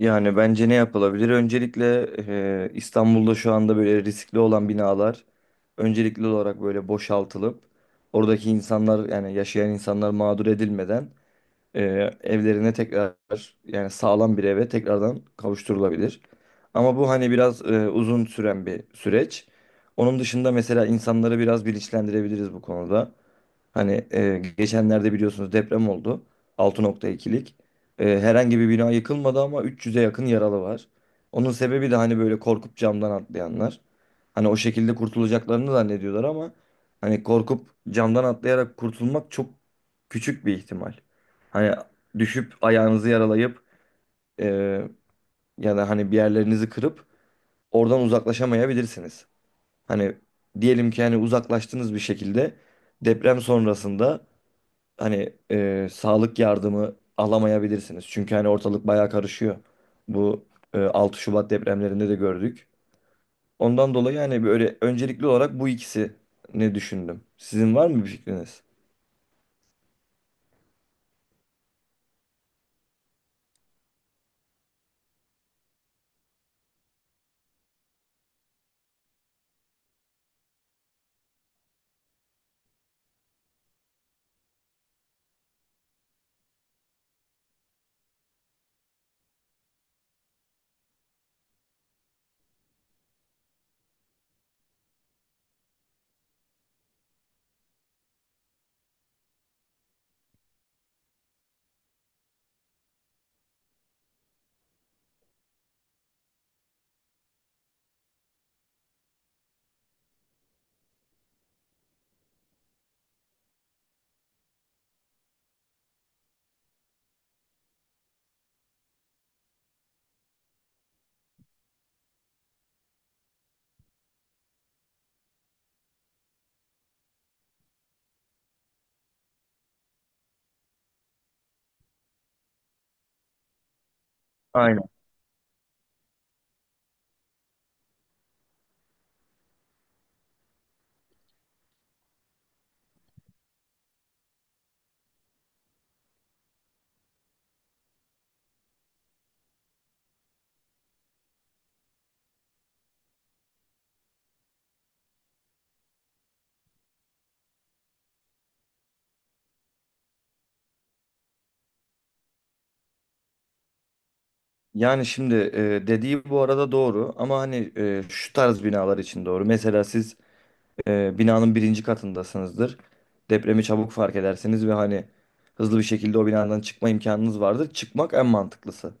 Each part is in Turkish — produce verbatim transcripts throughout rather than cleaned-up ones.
Yani bence ne yapılabilir? Öncelikle e, İstanbul'da şu anda böyle riskli olan binalar öncelikli olarak böyle boşaltılıp oradaki insanlar yani yaşayan insanlar mağdur edilmeden e, evlerine tekrar yani sağlam bir eve tekrardan kavuşturulabilir. Ama bu hani biraz e, uzun süren bir süreç. Onun dışında mesela insanları biraz bilinçlendirebiliriz bu konuda. Hani e, geçenlerde biliyorsunuz deprem oldu. altı nokta ikilik. E, herhangi bir bina yıkılmadı ama üç yüze yakın yaralı var. Onun sebebi de hani böyle korkup camdan atlayanlar. Hani o şekilde kurtulacaklarını zannediyorlar ama hani korkup camdan atlayarak kurtulmak çok küçük bir ihtimal. Hani düşüp ayağınızı yaralayıp e, ya da hani bir yerlerinizi kırıp oradan uzaklaşamayabilirsiniz. Hani diyelim ki hani uzaklaştınız bir şekilde deprem sonrasında hani e, sağlık yardımı alamayabilirsiniz. Çünkü hani ortalık bayağı karışıyor. Bu e, altı Şubat depremlerinde de gördük. Ondan dolayı hani böyle öncelikli olarak bu ikisi ne düşündüm. Sizin var mı bir fikriniz? Aynen. Yani şimdi e, dediği bu arada doğru ama hani e, şu tarz binalar için doğru. Mesela siz e, binanın birinci katındasınızdır. Depremi çabuk fark edersiniz ve hani hızlı bir şekilde o binadan çıkma imkanınız vardır. Çıkmak en mantıklısı.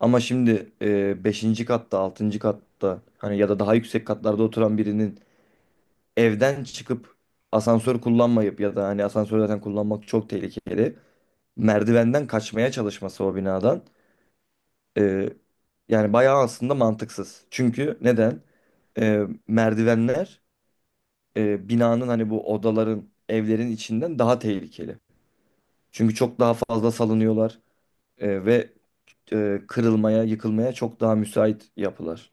Ama şimdi e, beşinci katta, altıncı katta hani ya da daha yüksek katlarda oturan birinin evden çıkıp asansör kullanmayıp ya da hani asansör zaten kullanmak çok tehlikeli. Merdivenden kaçmaya çalışması o binadan e, yani bayağı aslında mantıksız. Çünkü neden? E, merdivenler e, binanın hani bu odaların, evlerin içinden daha tehlikeli. Çünkü çok daha fazla salınıyorlar e, ve e, kırılmaya, yıkılmaya çok daha müsait yapılar,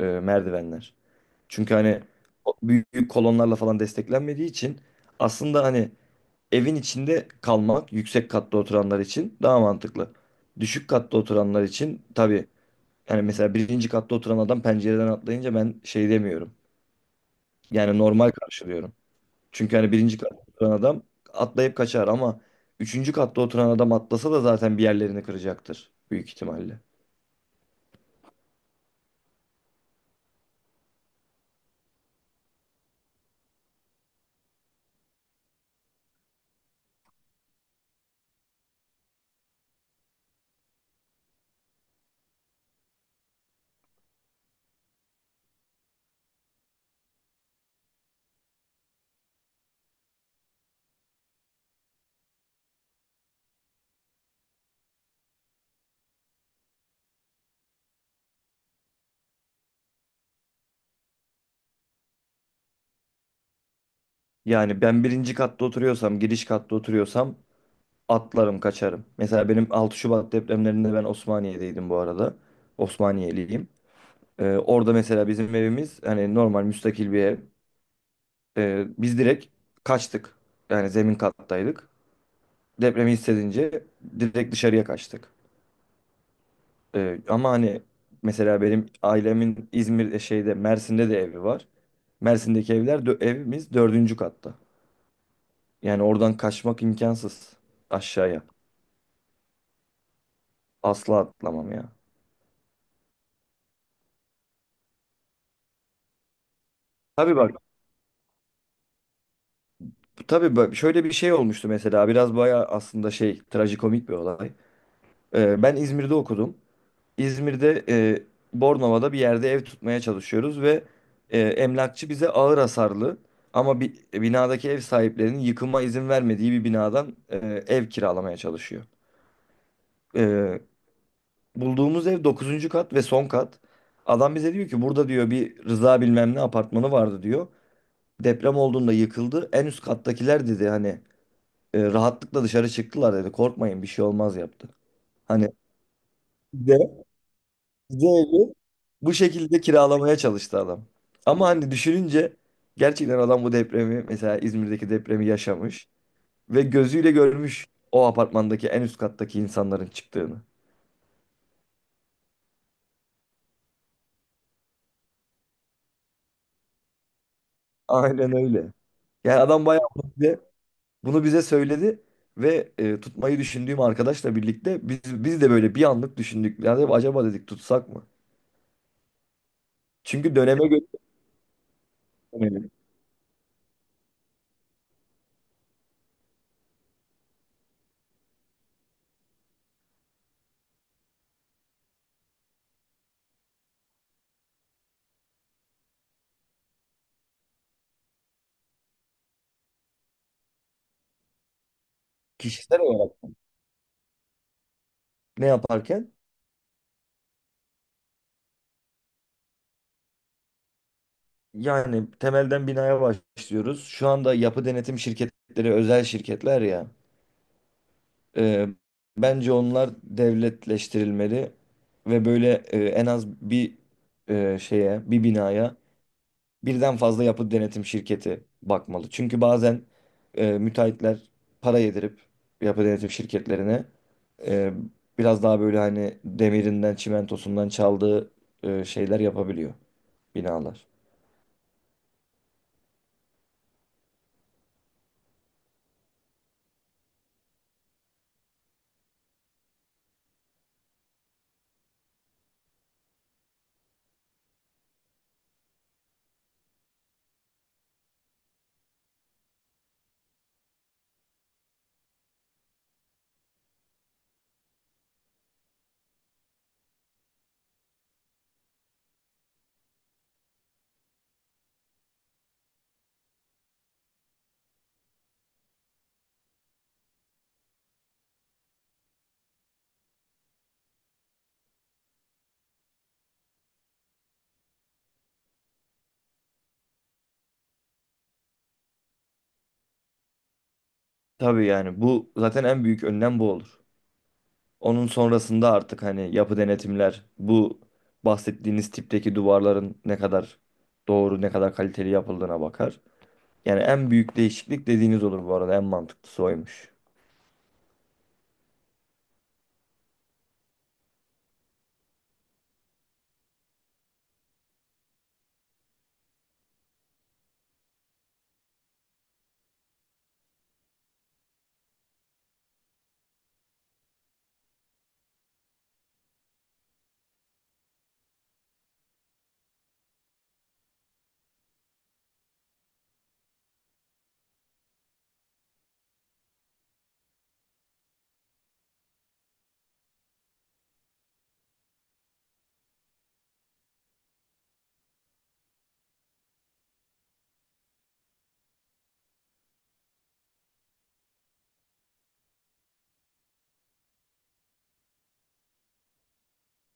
e, merdivenler. Çünkü hani o büyük kolonlarla falan desteklenmediği için aslında hani evin içinde kalmak yüksek katta oturanlar için daha mantıklı. Düşük katta oturanlar için tabii yani mesela birinci katta oturan adam pencereden atlayınca ben şey demiyorum. Yani normal karşılıyorum. Çünkü hani birinci katta oturan adam atlayıp kaçar ama üçüncü katta oturan adam atlasa da zaten bir yerlerini kıracaktır büyük ihtimalle. Yani ben birinci katta oturuyorsam, giriş katta oturuyorsam atlarım, kaçarım. Mesela benim altı Şubat depremlerinde ben Osmaniye'deydim bu arada. Osmaniyeliyim. Ee, orada mesela bizim evimiz hani normal müstakil bir ev. Ee, biz direkt kaçtık. Yani zemin kattaydık. Depremi hissedince direkt dışarıya kaçtık. Ee, ama hani mesela benim ailemin İzmir e, şeyde Mersin'de de evi var. Mersin'deki evler dö- evimiz dördüncü katta. Yani oradan kaçmak imkansız aşağıya. Asla atlamam ya. Tabii bak Tabii bak şöyle bir şey olmuştu mesela biraz bayağı aslında şey trajikomik bir olay. Ee, ben İzmir'de okudum. İzmir'de e, Bornova'da bir yerde ev tutmaya çalışıyoruz ve e, emlakçı bize ağır hasarlı ama bi- binadaki ev sahiplerinin yıkıma izin vermediği bir binadan e, ev kiralamaya çalışıyor. Ee, Bulduğumuz ev dokuzuncu kat ve son kat. Adam bize diyor ki burada diyor bir Rıza bilmem ne apartmanı vardı diyor. Deprem olduğunda yıkıldı. En üst kattakiler dedi hani e, rahatlıkla dışarı çıktılar dedi. Korkmayın bir şey olmaz yaptı. Hani bize de evi bu şekilde kiralamaya çalıştı adam. Ama hani düşününce gerçekten adam bu depremi mesela İzmir'deki depremi yaşamış ve gözüyle görmüş o apartmandaki en üst kattaki insanların çıktığını. Aynen öyle. Yani adam bayağı bunu bize, bunu bize söyledi ve e, tutmayı düşündüğüm arkadaşla birlikte biz biz de böyle bir anlık düşündük. Yani acaba dedik tutsak mı? Çünkü döneme göre kişisel olarak ne yaparken yani temelden binaya başlıyoruz. Şu anda yapı denetim şirketleri özel şirketler ya. e, Bence onlar devletleştirilmeli ve böyle e, en az bir e, şeye, bir binaya birden fazla yapı denetim şirketi bakmalı. Çünkü bazen e, müteahhitler para yedirip yapı denetim şirketlerine e, biraz daha böyle hani demirinden, çimentosundan çaldığı e, şeyler yapabiliyor binalar. Tabii yani bu zaten en büyük önlem bu olur. Onun sonrasında artık hani yapı denetimler bu bahsettiğiniz tipteki duvarların ne kadar doğru, ne kadar kaliteli yapıldığına bakar. Yani en büyük değişiklik dediğiniz olur bu arada en mantıklısı oymuş.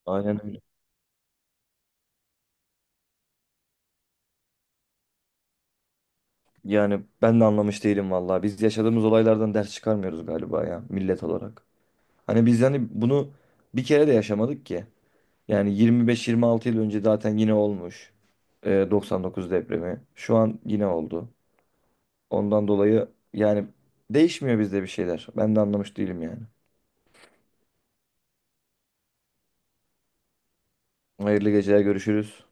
Aynen öyle. Yani ben de anlamış değilim vallahi. Biz yaşadığımız olaylardan ders çıkarmıyoruz galiba ya millet olarak. Hani biz yani bunu bir kere de yaşamadık ki. Yani yirmi beş yirmi altı yıl önce zaten yine olmuş. Ee, doksan dokuz depremi. Şu an yine oldu. Ondan dolayı yani değişmiyor bizde bir şeyler. Ben de anlamış değilim yani. Hayırlı geceler görüşürüz.